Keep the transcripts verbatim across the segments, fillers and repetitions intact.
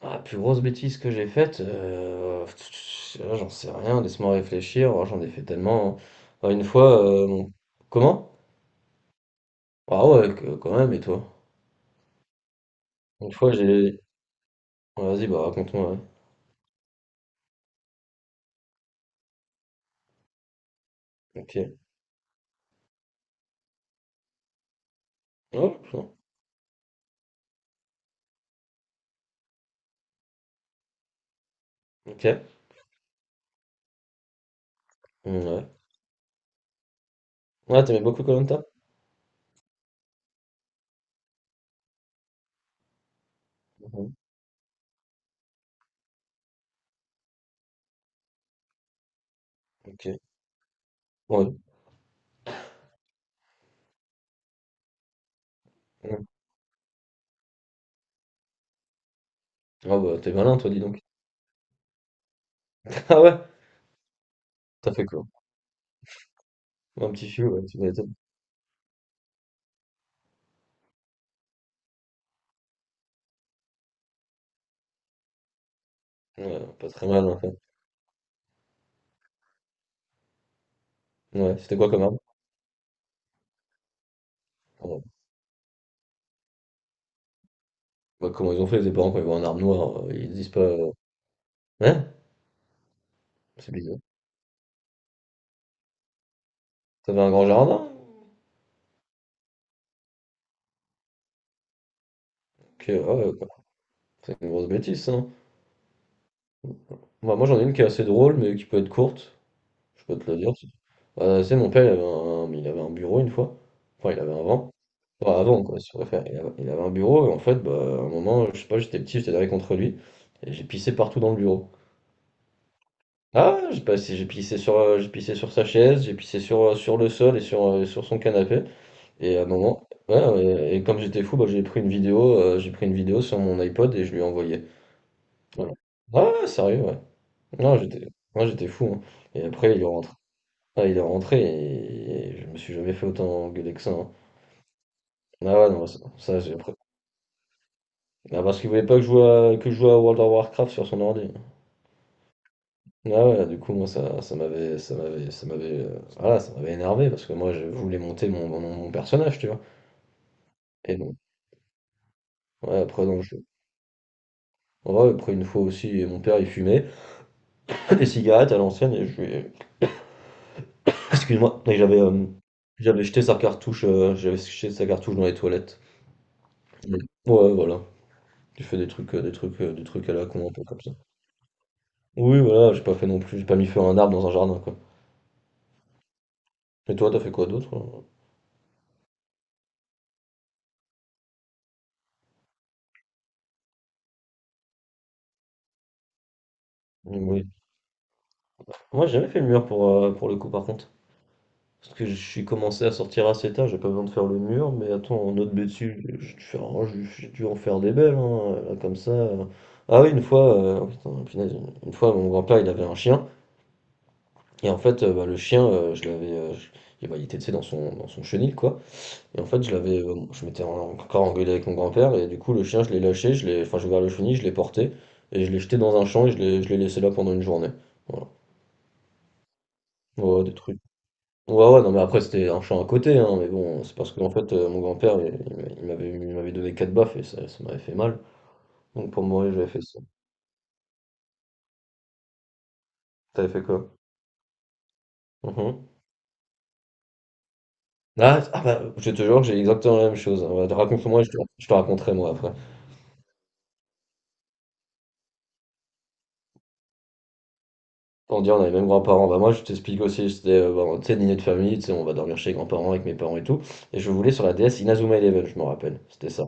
Ah, plus grosse bêtise que j'ai faite, heu, là, j'en sais rien, laisse-moi réfléchir. Oh, j'en ai fait tellement, hein. Bah, une fois, heu, mon comment? Ah ouais, que quand même, et toi? Une fois, j'ai Ouais, vas-y, bah, raconte-moi, ouais. OK. Ouais, OK. Mmh, ouais. Ouais, tu beaucoup koh. Mmh. OK. Ouais. Mmh. Ah bah, t'es malin, toi, dis donc. Ah ouais? T'as fait quoi? Un petit fût, ouais, tu m'étonnes. Ouais, pas très mal, en fait. Ouais, c'était quoi comme arme? Ouais. Bah, comment ils ont fait, les parents, quand ils voient un arme noire, heu, ils se disent pas, heu, hein? C'est bizarre. T'avais un grand jardin? Ok, ouais, ouais, quoi. C'est une grosse bêtise, ça, hein. Moi, moi, j'en ai une qui est assez drôle, mais qui peut être courte. Je peux te la dire si tu- Bah, tu sais, mon père, il avait un, il avait un bureau une fois. Enfin, il avait un vent. Enfin, avant, quoi, si tu préfères. Il avait, il avait un bureau, et en fait, bah, à un moment, je sais pas, j'étais petit, j'étais derrière contre lui, et j'ai pissé partout dans le bureau. Ah, j'ai passé, j'ai pissé sur, euh, j'ai pissé sur sa chaise, j'ai pissé sur, euh, sur le sol et sur, euh, sur son canapé. Et à un moment, ouais, ouais, et, comme j'étais fou, bah, j'ai pris une vidéo, euh, j'ai pris une vidéo sur mon iPod et je lui ai envoyé. Ouais, ouais, sérieux, ouais. Non, j'étais, moi j'étais fou, hein. Et après, il est rentré. Ah, il est rentré et, et je me suis jamais fait autant engueuler que ça, hein. Ah ouais, non, ça, ça, j'ai après. Ah, parce qu'il voulait pas que je joue à, que je joue à World of Warcraft sur son ordi. Ah ouais, du coup, moi, ça, ça m'avait, ça m'avait, ça m'avait, euh, voilà, ça m'avait énervé parce que moi, je voulais monter mon, mon, mon personnage, tu vois. Et non, ouais, après, non je. Ouais, après, une fois aussi, mon père, il fumait des cigarettes à l'ancienne et je lui ai, Ah, excuse-moi, mais j'avais euh, j'avais jeté sa cartouche, euh, j'avais jeté sa cartouche dans les toilettes. Mm. Ouais, voilà. J'ai fait des trucs, euh, des trucs, euh, des trucs à la con, un peu comme ça. Oui, voilà, j'ai pas fait non plus, j'ai pas mis feu à un arbre dans un jardin, quoi. Et toi, t'as fait quoi d'autre, euh? Oui. Moi, j'ai jamais fait le mur pour, euh, pour le coup, par contre. Parce que je suis commencé à sortir assez tard, j'ai pas besoin de faire le mur, mais attends, en autre bêtise, j'ai j'ai dû faire- oh, j'ai- j'ai dû en faire des belles, hein, là, comme ça, euh. Ah oui, une fois, euh, oh, putain, punaise, une fois, mon grand-père, il avait un chien. Et en fait, heu, bah, le chien, heu, je l'avais, heu, j, et bah, il était, tu sais, dans son dans son chenil, quoi, et en fait, je l'avais, heu, je m'étais en encore engueulé avec mon grand-père et du coup, le chien, je l'ai lâché, je l'ai, enfin, j'ai ouvert le chenil, je l'ai porté et je l'ai jeté dans un champ et je l'ai je l'ai laissé là pendant une journée. Voilà. Ouais, ouais, des trucs, ouais, ouais, non, mais après, c'était un champ à côté, hein, mais bon, c'est parce que en fait, heu, mon grand-père, il il m'avait, il m'avait donné quatre baffes et ça ça m'avait fait mal donc pour mourir, j'avais fait ça. T'avais fait quoi? Mmh. Ah ah bah, je te jure, que j'ai exactement la même chose. Ouais, raconte-moi, je te je te raconterai moi après. On dit on a les mêmes grands-parents. Bah moi je t'explique aussi, c'était euh, bon, tu sais, dîner de famille, tu sais, on va dormir chez les grands-parents avec mes parents et tout. Et je voulais sur la D S Inazuma Eleven, je me rappelle. C'était ça.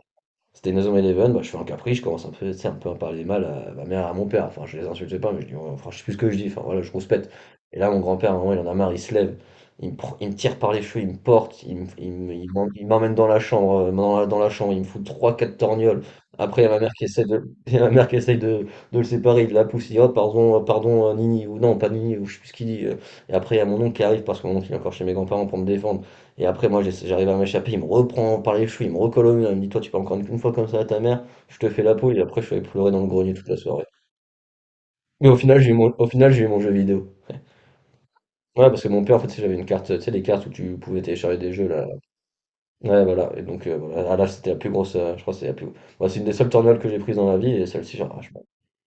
C'était Inazuma Eleven, bah, je fais un caprice, je commence un peu, tu sais, un peu à parler mal à ma mère et à mon père. Enfin, je les insultais pas, mais je dis, oh, enfin, je sais plus ce que je dis, enfin voilà, je rouspète. Et là, mon grand-père, à un moment, il en a marre, il se lève, il me, pr- il me tire par les cheveux, il me porte, il me- il me- il m'en- il m'emmène dans la chambre, euh, dans la, dans la chambre, il me fout trois, quatre torgnoles. Après, il y a ma mère qui essaie de, il y a ma mère qui essaie de, de le séparer, il la pousse, il dit, oh, pardon, euh, pardon, euh, Nini, ou non, pas Nini, ou je sais plus ce qu'il dit, euh. Et après, il y a mon oncle qui arrive, parce que mon oncle, il est encore chez mes grands-parents pour me défendre. Et après, moi, j'essa- j'arrive à m'échapper, il me reprend par les cheveux, il me recolle au mur, il me dit, toi, tu peux encore une fois comme ça à ta mère, je te fais la peau, et après, je suis allé pleurer dans le grenier toute la soirée. Mais au final, j'ai eu mon, au final, j'ai eu mon jeu vidéo. Ouais, parce que mon père, en fait, tu sais, j'avais une carte, tu sais, les cartes où tu pouvais télécharger des jeux, là. Ouais, voilà. Et donc, euh, voilà. Ah, là, c'était la plus grosse, euh, je crois, que c'est la plus. Moi, c'est une des seules tornades que j'ai prises dans ma vie, et celle-ci, genre, ah, je, m'en-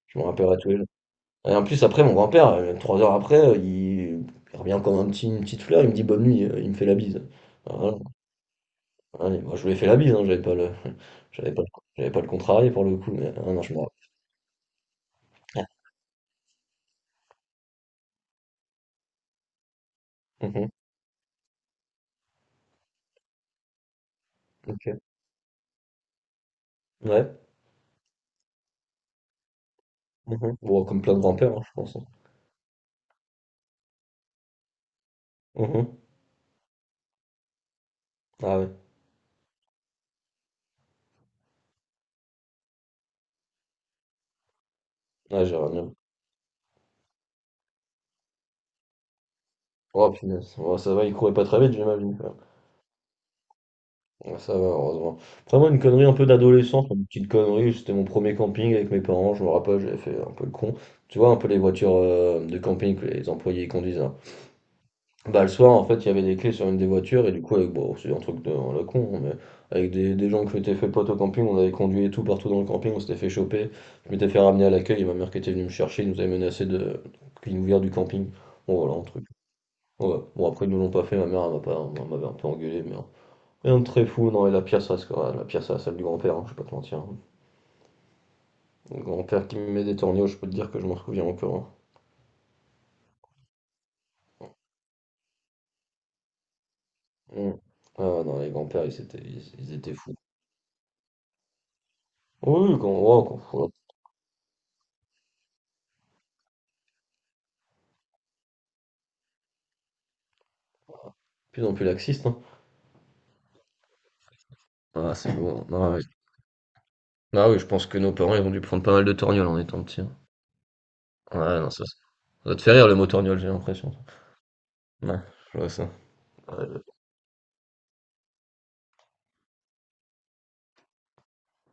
je m'en rappellerai tous les jours. Et en plus, après, mon grand-père, euh, trois heures après, euh, il, il revient comme un petit, une petite fleur, il me dit bonne nuit, euh, il me fait la bise. Alors, ouais, moi, je lui ai fait la bise, hein, j'avais pas le j'avais pas le, j'avais pas le contrarié pour le coup, mais ah non, je me rappelle. Ah. Mhm, OK. Ouais. Mhm. Bon, comme plein de grimpeurs, hein, je pense, hein. Mhm. Ah ouais. Ah j'aurais bien. Oh punaise. Ouais, ça va, il courait pas très vite, j'imagine, quoi. Ouais, ça va, heureusement. Après, moi, une connerie un peu d'adolescence, une petite connerie, c'était mon premier camping avec mes parents, je me rappelle, j'avais fait un peu le con. Tu vois, un peu les voitures euh, de camping que les employés conduisent, hein. Bah, le soir, en fait, il y avait des clés sur une des voitures, et du coup, avec, bon, c'est un truc de à la con, hein, mais avec des, des gens que j'étais fait pote au camping, on avait conduit et tout partout dans le camping, on s'était fait choper. Je m'étais fait ramener à l'accueil, et ma mère qui était venue me chercher, ils nous avait menacé de qu'ils nous virent du camping. Bon, voilà, un truc. Ouais. Bon, après, ils nous l'ont pas fait, ma mère, elle m'a pas, elle m'avait un peu engueulé, mais, hein. Rien de très fou, non, et la pièce reste, quoi la pièce à la salle du grand-père, hein, je vais pas te mentir, hein. Le grand-père qui me met des tornios, je peux te dire que je m'en souviens encore, hein. Mm. Ah, non, les grands-pères, ils étaient, ils, ils étaient fous. Oui, quand, ouais, quand- ouais, de plus en plus laxiste. Ah, c'est beau. Ah oui. Ah oui, je pense que nos parents, ils ont dû prendre pas mal de torgnoles en étant petits, hein. Ouais, non, ça, ça doit te faire rire le mot torgnole, j'ai l'impression. Ouais, je vois ça. Ouais.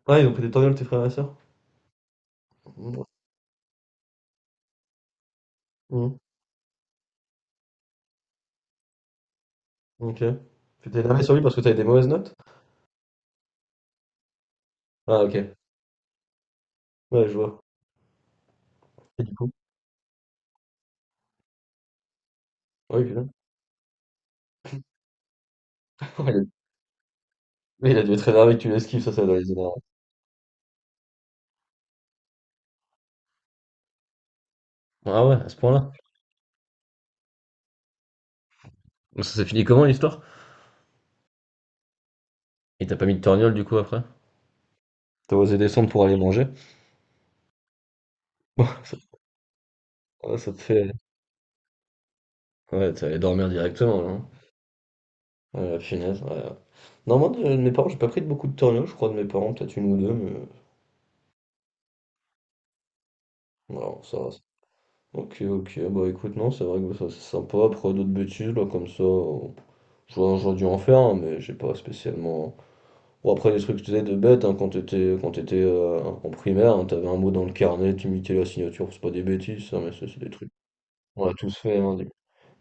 Ouais, ils ont pris des torgnoles, tes frères et sœurs? Mhm. Mhm. Ok. Tu t'es énervé sur lui parce que t'avais des mauvaises notes? Ah, ok. Ouais, je vois. Et du coup? Oui, putain. Il a, mais il a dû être énervé que tu l'esquives, ça, ça doit les énerver. Ah ouais, à ce point-là. Donc ça s'est fini comment l'histoire? Il t'a pas mis de torgnole du coup après? T'as osé descendre pour aller manger? Bon, ça, ah, ça te fait. Ouais, t'es allé dormir directement, là, hein. Ah la punaise, ouais, ouais. Non, moi, de, de mes parents, j'ai pas pris de beaucoup de tornados, je crois, de mes parents, peut-être une ou deux, mais euh, non, ça va. Ok, ok, bah écoute, non, c'est vrai que bah, ça, c'est sympa. Après, d'autres bêtises, là, comme ça, euh, j'aurais j'aurais dû en faire, hein, mais j'ai pas spécialement... Bon, après, des trucs, que tu sais, de bêtes, hein, quand t'étais quand t'étais euh, en primaire, hein, t'avais un mot dans le carnet, t'imitais la signature, c'est pas des bêtises, ça, mais ça, c'est des trucs... On l'a tous fait, hein,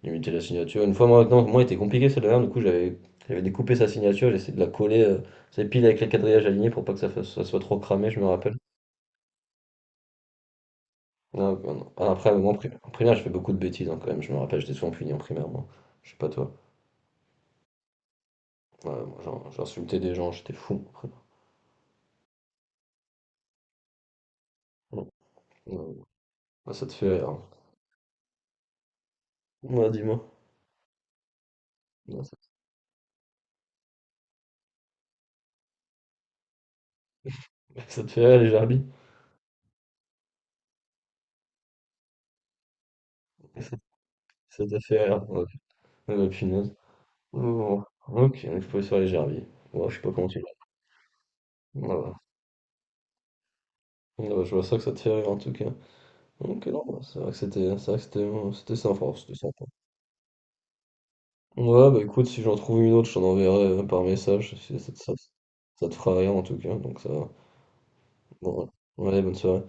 limiter la signature. Une fois, moi, non, moi, était compliqué celle dernière, du coup, j'avais j'avais découpé sa signature, j'essayais de la coller, euh, c'est pile avec les quadrillages alignés pour pas que ça, fasse- ça soit trop cramé, je me rappelle. Non, non, non. Ah, après, moi, en pri- en primaire, je fais beaucoup de bêtises hein, quand même, je me rappelle, j'étais souvent puni en primaire, moi. Je sais pas toi. Ouais, moi, j'en- j'insultais des gens, j'étais fou en primaire. Non, non, ah, ça te fait rire, hein. Ouais, dis-moi. Non, ça, ça te fait rire, les gerbilles? Ça, ça te fait rire. Ok. Ouais. Ah, bah, punaise. Oh, ok, il faut sur les gerbilles. Ouais, je sais pas comment tu l'as. Voilà. Ouais, je vois ça que ça te fait rire en tout cas. Ok, non, bah, c'est vrai que c'était, c'est vrai que c'était euh, c'était sympa, c'était sympa. Ouais, bah écoute, si j'en trouve une autre, je t'en enverrai euh, par message, si ça, te ça- ça te fera rien en tout cas, donc ça va. Bon, ouais. Ouais, bonne soirée.